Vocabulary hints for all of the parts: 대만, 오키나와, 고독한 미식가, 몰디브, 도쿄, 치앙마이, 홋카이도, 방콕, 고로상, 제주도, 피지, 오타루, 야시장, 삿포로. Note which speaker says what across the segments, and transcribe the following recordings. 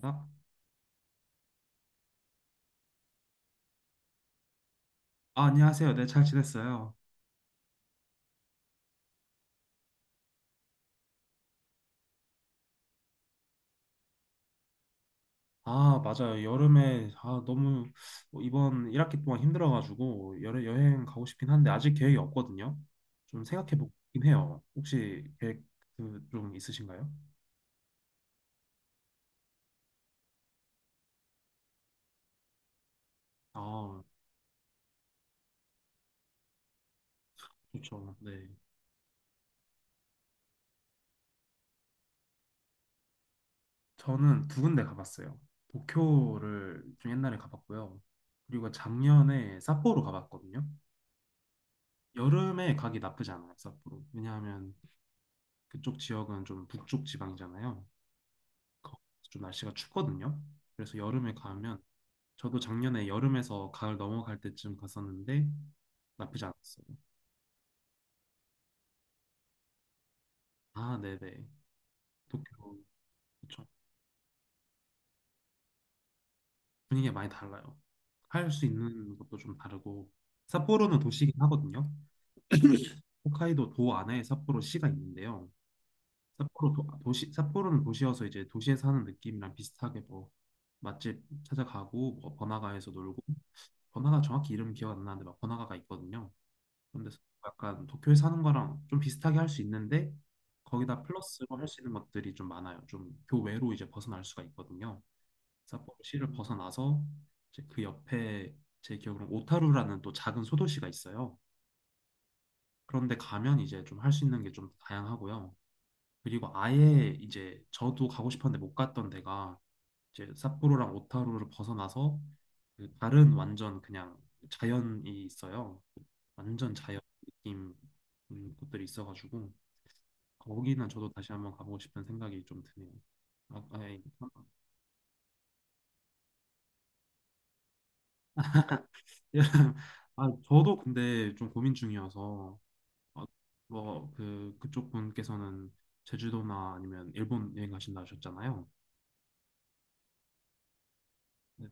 Speaker 1: 아, 아, 안녕하세요. 네, 잘 지냈어요. 아, 맞아요. 여름에 아, 너무 뭐 이번 1학기 동안 힘들어가지고 여름 여행 가고 싶긴 한데 아직 계획이 없거든요. 좀 생각해 보긴 해요. 혹시 계획 그, 좀 있으신가요? 아, 좋죠. 네. 저는 두 군데 가봤어요. 도쿄를 좀 옛날에 가봤고요. 그리고 작년에 삿포로 가봤거든요. 여름에 가기 나쁘지 않아요, 삿포로. 왜냐하면 그쪽 지역은 좀 북쪽 지방이잖아요. 좀 날씨가 춥거든요. 그래서 여름에 가면 저도 작년에 여름에서 가을 넘어갈 때쯤 갔었는데 나쁘지 않았어요. 아, 네네. 도쿄 그쵸. 분위기가 많이 달라요. 할 수 있는 것도 좀 다르고 삿포로는 도시긴 하거든요. 홋카이도 도 안에 삿포로 시가 있는데요. 삿포로 도, 도시 삿포로는 도시여서 이제 도시에 사는 느낌이랑 비슷하게 뭐 맛집 찾아가고 뭐 번화가에서 놀고 번화가 정확히 이름 기억 안 나는데 막 번화가가 있거든요. 근데 약간 도쿄에 사는 거랑 좀 비슷하게 할 수 있는데 거기다 플러스로 할 수 있는 것들이 좀 많아요. 좀 교외로 이제 벗어날 수가 있거든요. 삿포로시를 벗어나서 이제 그 옆에 제 기억으로는 오타루라는 또 작은 소도시가 있어요. 그런데 가면 이제 좀 할 수 있는 게 좀 다양하고요. 그리고 아예 이제 저도 가고 싶었는데 못 갔던 데가 이제 삿포로랑 오타루를 벗어나서 그 다른 완전 그냥 자연이 있어요. 완전 자연 느낌 곳들이 있어가지고 거기는 저도 다시 한번 가보고 싶은 생각이 좀 드네요. 아, 아이, 아, 저도 근데 좀 고민 중이어서 아, 뭐, 그, 그쪽 분께서는 제주도나 아니면 일본 여행 가신다 하셨잖아요. 네네.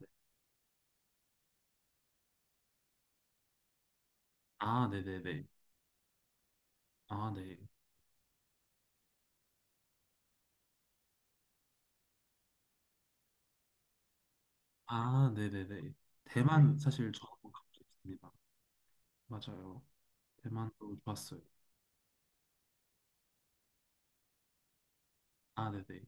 Speaker 1: 아, 네네네. 아, 네. 아, 네네네. 대만 사실 저도 가보고 있습니다. 맞아요. 대만도 좋았어요. 아, 네네.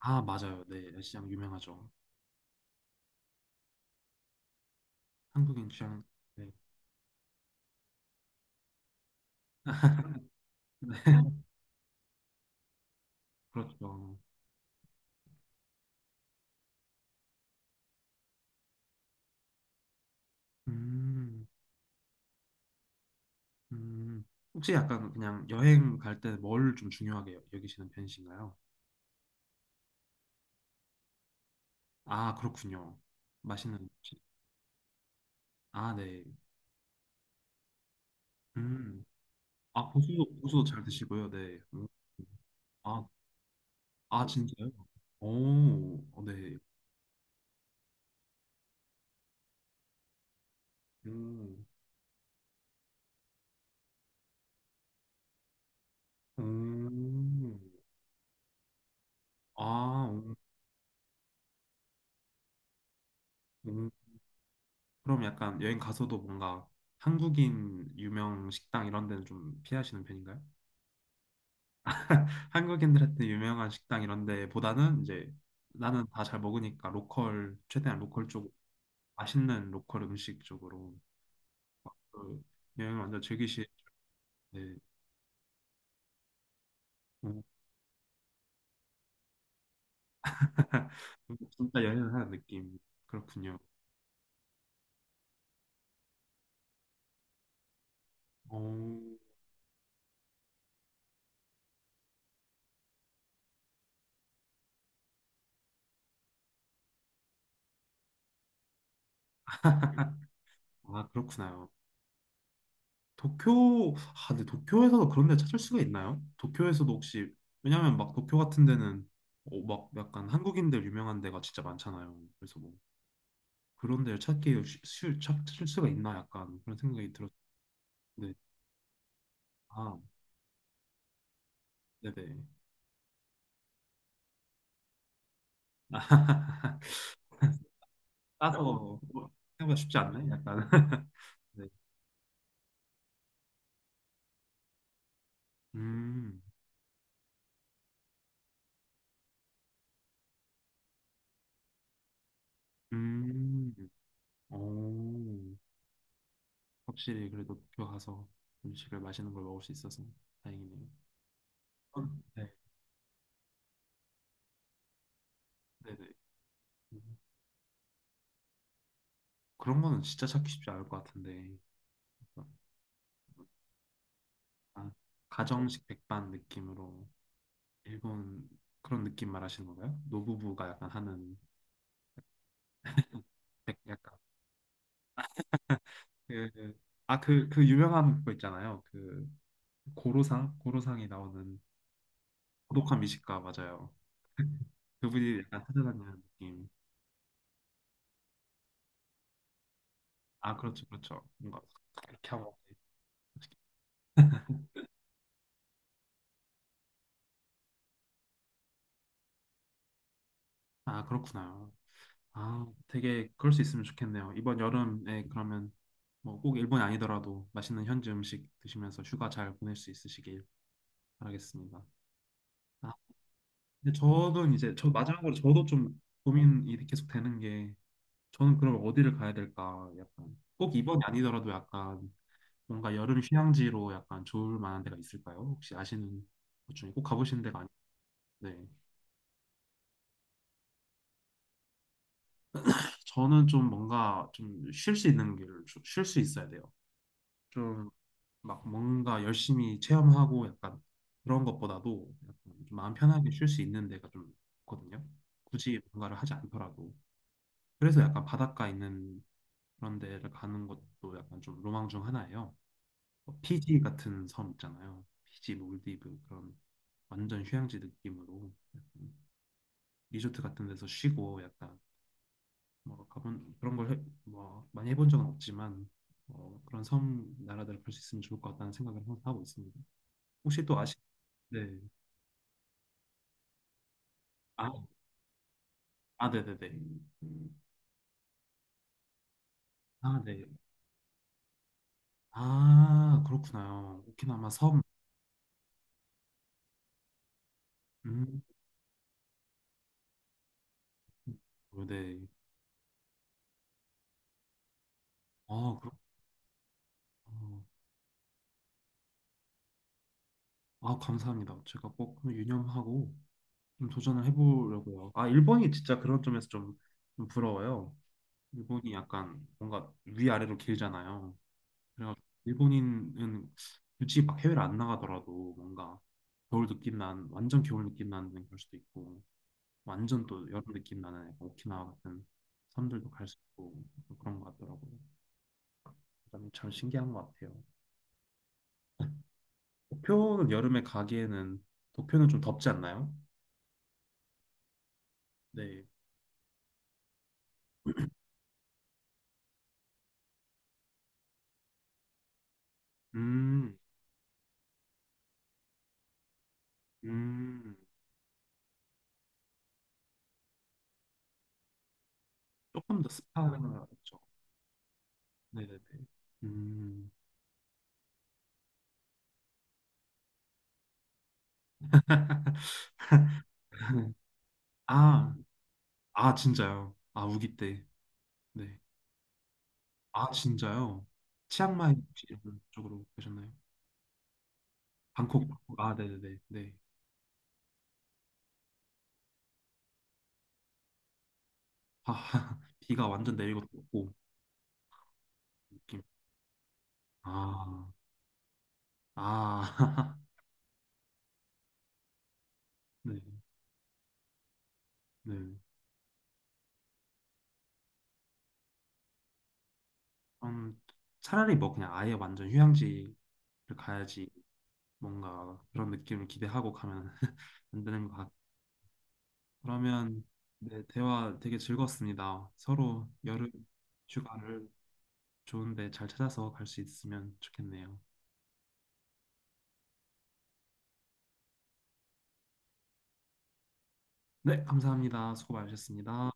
Speaker 1: 아, 맞아요. 네, 야시장 유명하죠. 한국인 취향. 네. 그렇죠. 음, 음. 혹시 약간 그냥 여행 갈 때 뭘 좀 중요하게 여기시는 편이신가요? 아, 그렇군요. 맛있는 음식. 아, 네. 음. 아, 고수도, 고수도 잘 드시고요. 네. 음. 아, 아, 진짜요? 오, 어, 네. 음. 음. 아, 오. 오. 그럼 약간 여행 가서도 뭔가 한국인 유명 식당 이런 데는 좀 피하시는 편인가요? 한국인들한테 유명한 식당 이런 데보다는 이제 나는 다 잘 먹으니까 로컬, 최대한 로컬 쪽, 맛있는 로컬 음식 쪽으로 그 여행을 완전 즐기시, 네. 음. 진짜 여행을 하는 느낌. 그렇군요. 오 아, 그렇구나요. 도쿄, 아, 근데 도쿄에서도 그런 데 찾을 수가 있나요? 도쿄에서도 혹시, 왜냐면 막 도쿄 같은 데는 어, 막 약간 한국인들 유명한 데가 진짜 많잖아요. 그래서 뭐 그런 데를 찾기 찾을 수가 있나 약간 그런 생각이 들었는데, 아, 네네. 따서 뭐 생각보다 쉽지 않네, 약간. 네. 음, 음, 오, 확실히 그래도 도쿄 가서 음식을 맛있는 걸 먹을 수 있어서 다행이네요. 어, 네, 네네. 음. 그런 거는 진짜 찾기 쉽지 않을 것 같은데 아, 가정식 백반 느낌으로 일본 그런 느낌 말하시는 건가요? 노부부가 약간 하는 백 약간 그아그그 유명한 거 있잖아요 그 고로상이 나오는 고독한 미식가 맞아요 그분이 약간 찾아다니는 느낌 아 그렇죠 뭔가 그렇게 하고 아 그렇구나 아, 되게 그럴 수 있으면 좋겠네요. 이번 여름에 그러면 뭐 꼭 일본이 아니더라도 맛있는 현지 음식 드시면서 휴가 잘 보낼 수 있으시길 바라겠습니다. 아, 근데 저는 이제 저 마지막으로 저도 좀 고민이 계속 되는 게 저는 그럼 어디를 가야 될까? 약간 꼭 이번이 아니더라도 약간 뭔가 여름 휴양지로 약간 좋을 만한 데가 있을까요? 혹시 아시는 것 중에 꼭 가보신 데가 아닌데 저는 좀 뭔가 좀 쉴 수 있는 길을 쉴 수 있어야 돼요. 좀 막 뭔가 열심히 체험하고 약간 그런 것보다도 약간 좀 마음 편하게 쉴 수 있는 데가 좀 있거든요. 굳이 뭔가를 하지 않더라도. 그래서 약간 바닷가 있는 그런 데를 가는 것도 약간 좀 로망 중 하나예요. 뭐 피지 같은 섬 있잖아요. 피지, 몰디브 그런 완전 휴양지 느낌으로 약간 리조트 같은 데서 쉬고 약간 뭐 가본 그런 걸 뭐 많이 해본 적은 없지만 어, 그런 섬 나라들을 볼 수 있으면 좋을 것 같다는 생각을 항상 하고 있습니다. 혹시 또 아시 네. 아, 아, 네네네. 아, 네. 아, 그렇구나요. 오키나와 섬. 음, 어, 네. 아, 그렇 아, 감사합니다. 제가 꼭 한번 유념하고 좀 도전을 해보려고요. 아, 일본이 진짜 그런 점에서 좀, 좀 부러워요. 일본이 약간 뭔가 위아래로 길잖아요. 그래가지고 일본인은 굳이 막 해외를 안 나가더라도 뭔가 겨울 느낌 난, 완전 겨울 느낌 나는 그럴 수도 있고 완전 또 여름 느낌 나는 약간 오키나와 같은 섬들도 갈 수 있고 뭐 그런 것 같더라고요. 그다음에 참 신기한 것 같아요. 도쿄는 여름에 가기에는 도쿄는 좀 덥지 않나요? 네, 음, 음, 조금 더 습하죠. 네네네. 음, 아, 아 진짜요? 아 우기 때, 네, 아 진짜요? 치앙마이 혹시 이런 쪽으로 가셨나요? 방콕, 방콕. 아 네네네, 네, 아 비가 완전 내리고 덥고 느낌. 아, 아, 네, 네. 그럼 차라리 뭐 그냥 아예 완전 휴양지를 가야지 뭔가 그런 느낌을 기대하고 가면 안 되는 것 같아요. 그러면 네, 대화 되게 즐거웠습니다. 서로 여름 휴가를 좋은데 잘 찾아서 갈 수 있으면 좋겠네요. 네, 감사합니다. 수고 많으셨습니다.